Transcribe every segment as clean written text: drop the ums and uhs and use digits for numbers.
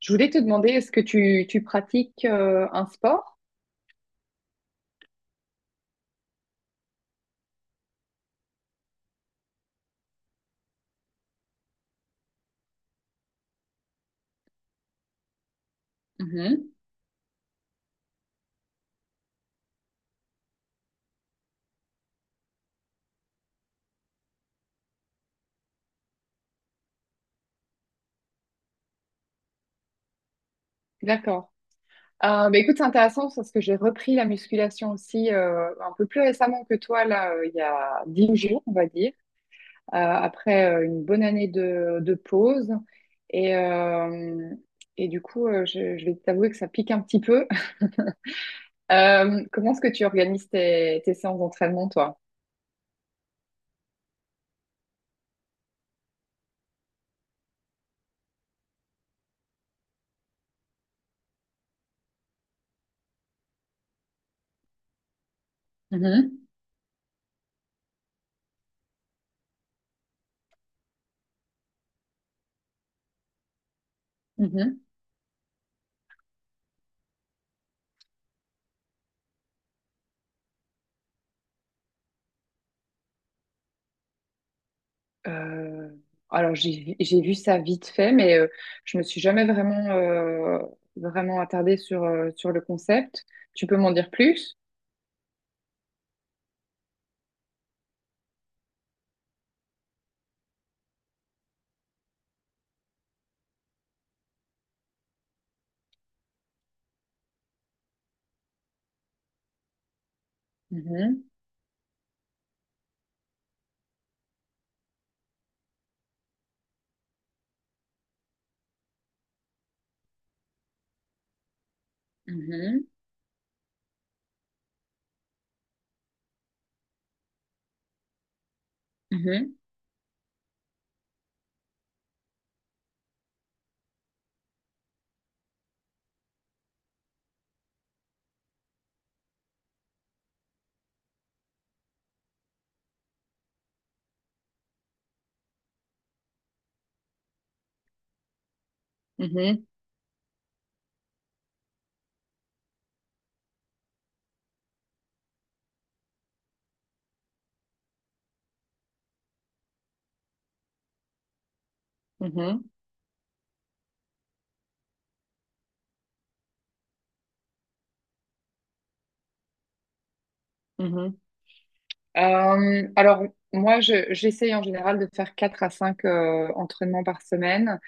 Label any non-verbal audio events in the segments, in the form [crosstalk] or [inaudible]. Je voulais te demander, est-ce que tu pratiques un sport? Mhm. D'accord. Bah, écoute, c'est intéressant parce que j'ai repris la musculation aussi un peu plus récemment que toi, là, il y a 10 jours, on va dire, après une bonne année de pause. Et, euh, et du coup, je vais t'avouer que ça pique un petit peu. Comment est-ce que tu organises tes séances d'entraînement, toi? Mhm, mhm. Euh, alors, j'ai vu ça vite fait, mais je me suis jamais vraiment, vraiment attardée sur le concept. Tu peux m'en dire plus? Mhm, mhm, mhm, mhm, mhm, mhm. Alors, moi, j'essaye en général de faire 4 à 5 entraînements par semaine.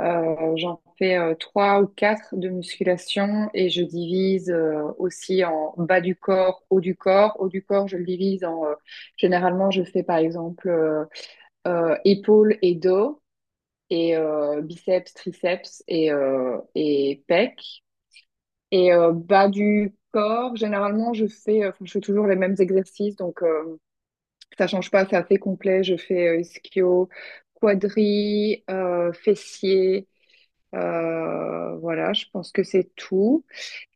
J'en fais trois ou quatre de musculation et je divise aussi en bas du corps, haut du corps. Haut du corps, je le divise en... généralement, je fais par exemple épaules et dos et biceps, triceps et pecs. Et bas du corps, généralement, enfin, je fais toujours les mêmes exercices, donc ça change pas, c'est assez complet. Je fais ischio, quadri, fessier. Voilà, je pense que c'est tout.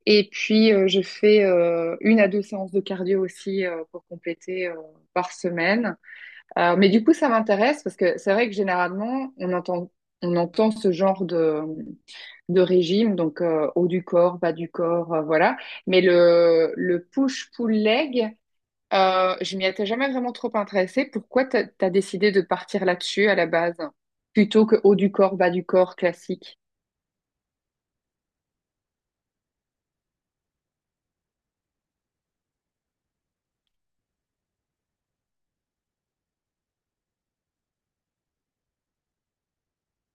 Et puis, je fais une à deux séances de cardio aussi pour compléter par semaine. Mais du coup, ça m'intéresse parce que c'est vrai que généralement, on entend ce genre de régime, donc haut du corps, bas du corps, voilà. Mais le push-pull-leg, je m'y étais jamais vraiment trop intéressée. Pourquoi t'as décidé de partir là-dessus à la base, plutôt que haut du corps, bas du corps classique?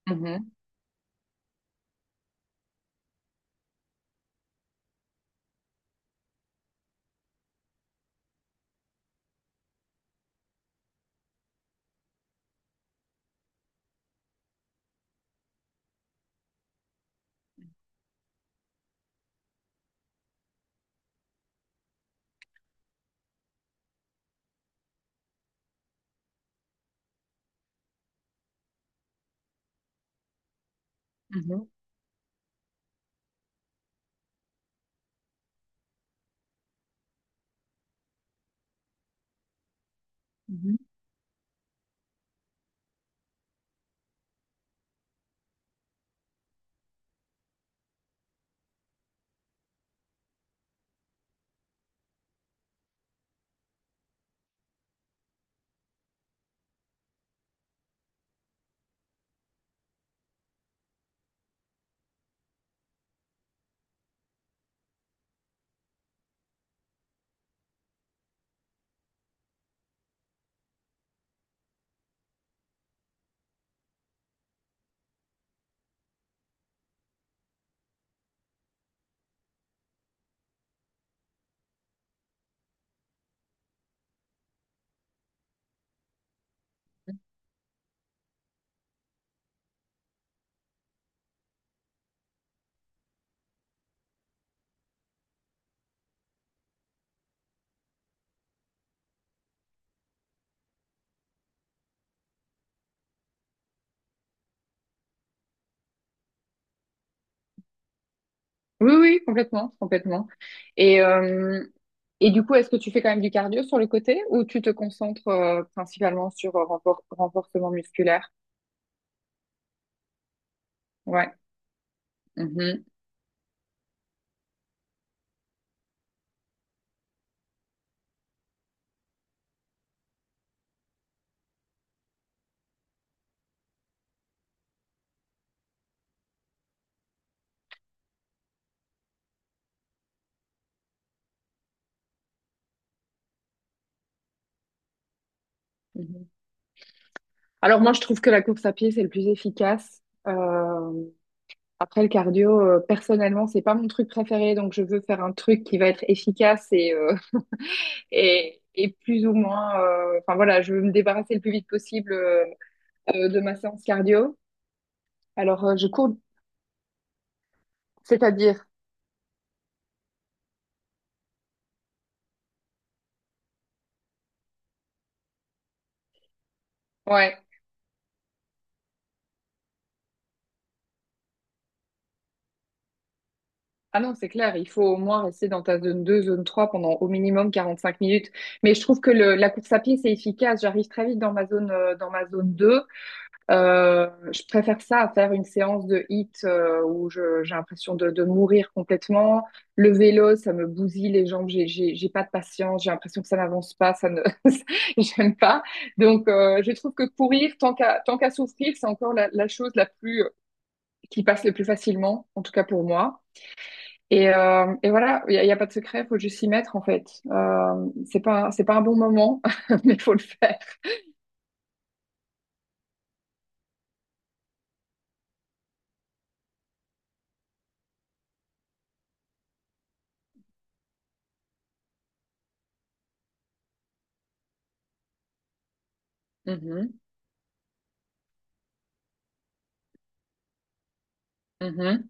Mm-hmm. Mhm, mhm. Oui, oui, complètement, complètement. Et, euh, et du coup, est-ce que tu fais quand même du cardio sur le côté ou tu te concentres principalement sur renforcement musculaire? Ouais. Mhm, mhm. Alors moi, je trouve que la course à pied, c'est le plus efficace. Euh, Après, le cardio, personnellement, c'est pas mon truc préféré, donc je veux faire un truc qui va être efficace [laughs] et plus ou moins, enfin voilà, je veux me débarrasser le plus vite possible de ma séance cardio. Je cours. C'est-à-dire. Ouais. Ah non, c'est clair, il faut au moins rester dans ta zone 2, zone 3 pendant au minimum 45 minutes. Mais je trouve que la course à pied, c'est efficace. J'arrive très vite dans ma zone 2. Je préfère ça à faire une séance de hit où j'ai l'impression de mourir complètement. Le vélo, ça me bousille les jambes, j'ai pas de patience, j'ai l'impression que ça n'avance pas, ça ne, [laughs] j'aime pas. Donc, je trouve que courir, tant qu'à souffrir, c'est encore la chose la plus, qui passe le plus facilement, en tout cas pour moi. Et voilà, y a pas de secret, faut juste s'y mettre en fait. C'est pas un bon moment, [laughs] mais faut le faire. Mhm, mhm,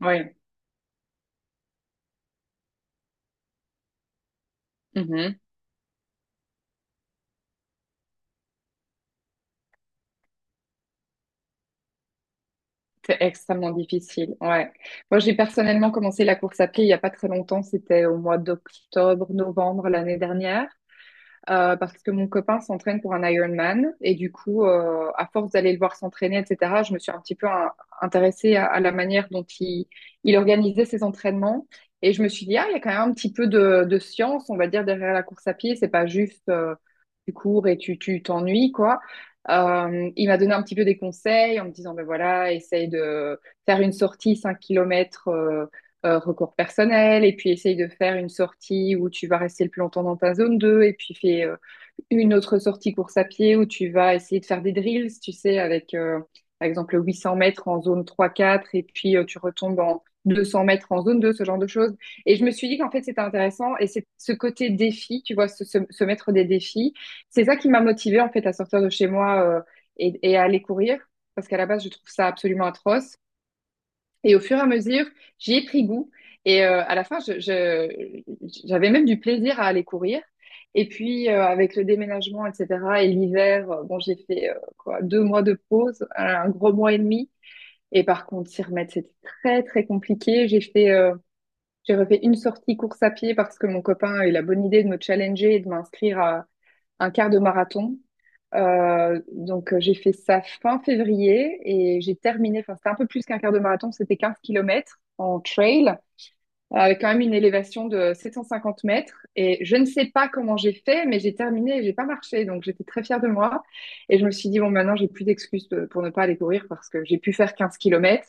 ouais, mhm. C'est extrêmement difficile. Ouais. Moi, j'ai personnellement commencé la course à pied il n'y a pas très longtemps. C'était au mois d'octobre, novembre l'année dernière. Parce que mon copain s'entraîne pour un Ironman et du coup, à force d'aller le voir s'entraîner, etc., je me suis un petit peu hein, intéressée à la manière dont il organisait ses entraînements et je me suis dit, ah, il y a quand même un petit peu de science, on va dire, derrière la course à pied, c'est pas juste tu cours et tu t'ennuies, quoi. Il m'a donné un petit peu des conseils en me disant, ben voilà, essaye de faire une sortie 5 kilomètres. Recours personnel, et puis essaye de faire une sortie où tu vas rester le plus longtemps dans ta zone 2 et puis fais une autre sortie course à pied où tu vas essayer de faire des drills, tu sais, avec par exemple 800 mètres en zone trois quatre et puis tu retombes en 200 mètres en zone deux, ce genre de choses. Et je me suis dit qu'en fait, c'était intéressant, et c'est ce côté défi, tu vois, se mettre des défis, c'est ça qui m'a motivée en fait à sortir de chez moi et à aller courir, parce qu'à la base, je trouve ça absolument atroce. Et au fur et à mesure, j'y ai pris goût. Et à la fin, j'avais même du plaisir à aller courir. Et puis, avec le déménagement, etc., et l'hiver, bon, j'ai fait quoi, 2 mois de pause, un gros mois et demi. Et par contre, s'y remettre, c'était très, très compliqué. J'ai refait une sortie course à pied parce que mon copain a eu la bonne idée de me challenger et de m'inscrire à un quart de marathon. Donc, j'ai fait ça fin février et j'ai terminé, enfin, c'était un peu plus qu'un quart de marathon, c'était 15 kilomètres en trail, avec quand même une élévation de 750 mètres. Et je ne sais pas comment j'ai fait, mais j'ai terminé et j'ai pas marché. Donc, j'étais très fière de moi. Et je me suis dit, bon, maintenant, j'ai plus d'excuses pour ne pas aller courir parce que j'ai pu faire 15 kilomètres.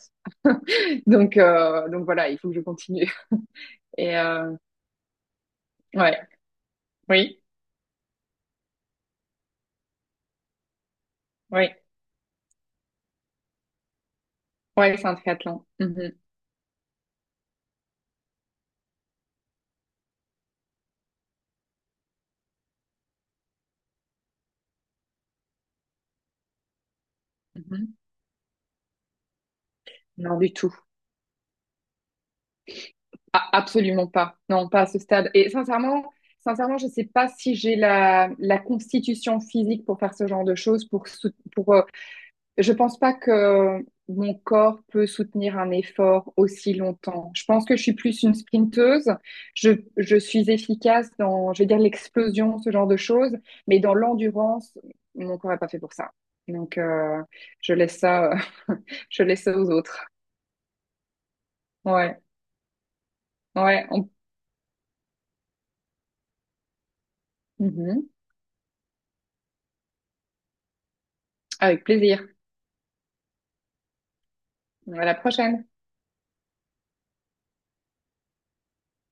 donc voilà, il faut que je continue. [laughs] Et ouais, oui, oui, ouais, c'est un triathlon. Mhm, mhm. Non, du tout. Ah, absolument pas. Non, pas à ce stade. Et sincèrement, sincèrement, je ne sais pas si j'ai la constitution physique pour faire ce genre de choses. Je pense pas que mon corps peut soutenir un effort aussi longtemps. Je pense que je suis plus une sprinteuse. Je, je suis efficace dans, je vais dire, l'explosion, ce genre de choses. Mais dans l'endurance, mon corps n'est pas fait pour ça. Donc, je laisse ça, [laughs] je laisse ça aux autres. Ouais, ouais. Mhm. Avec plaisir. À la prochaine.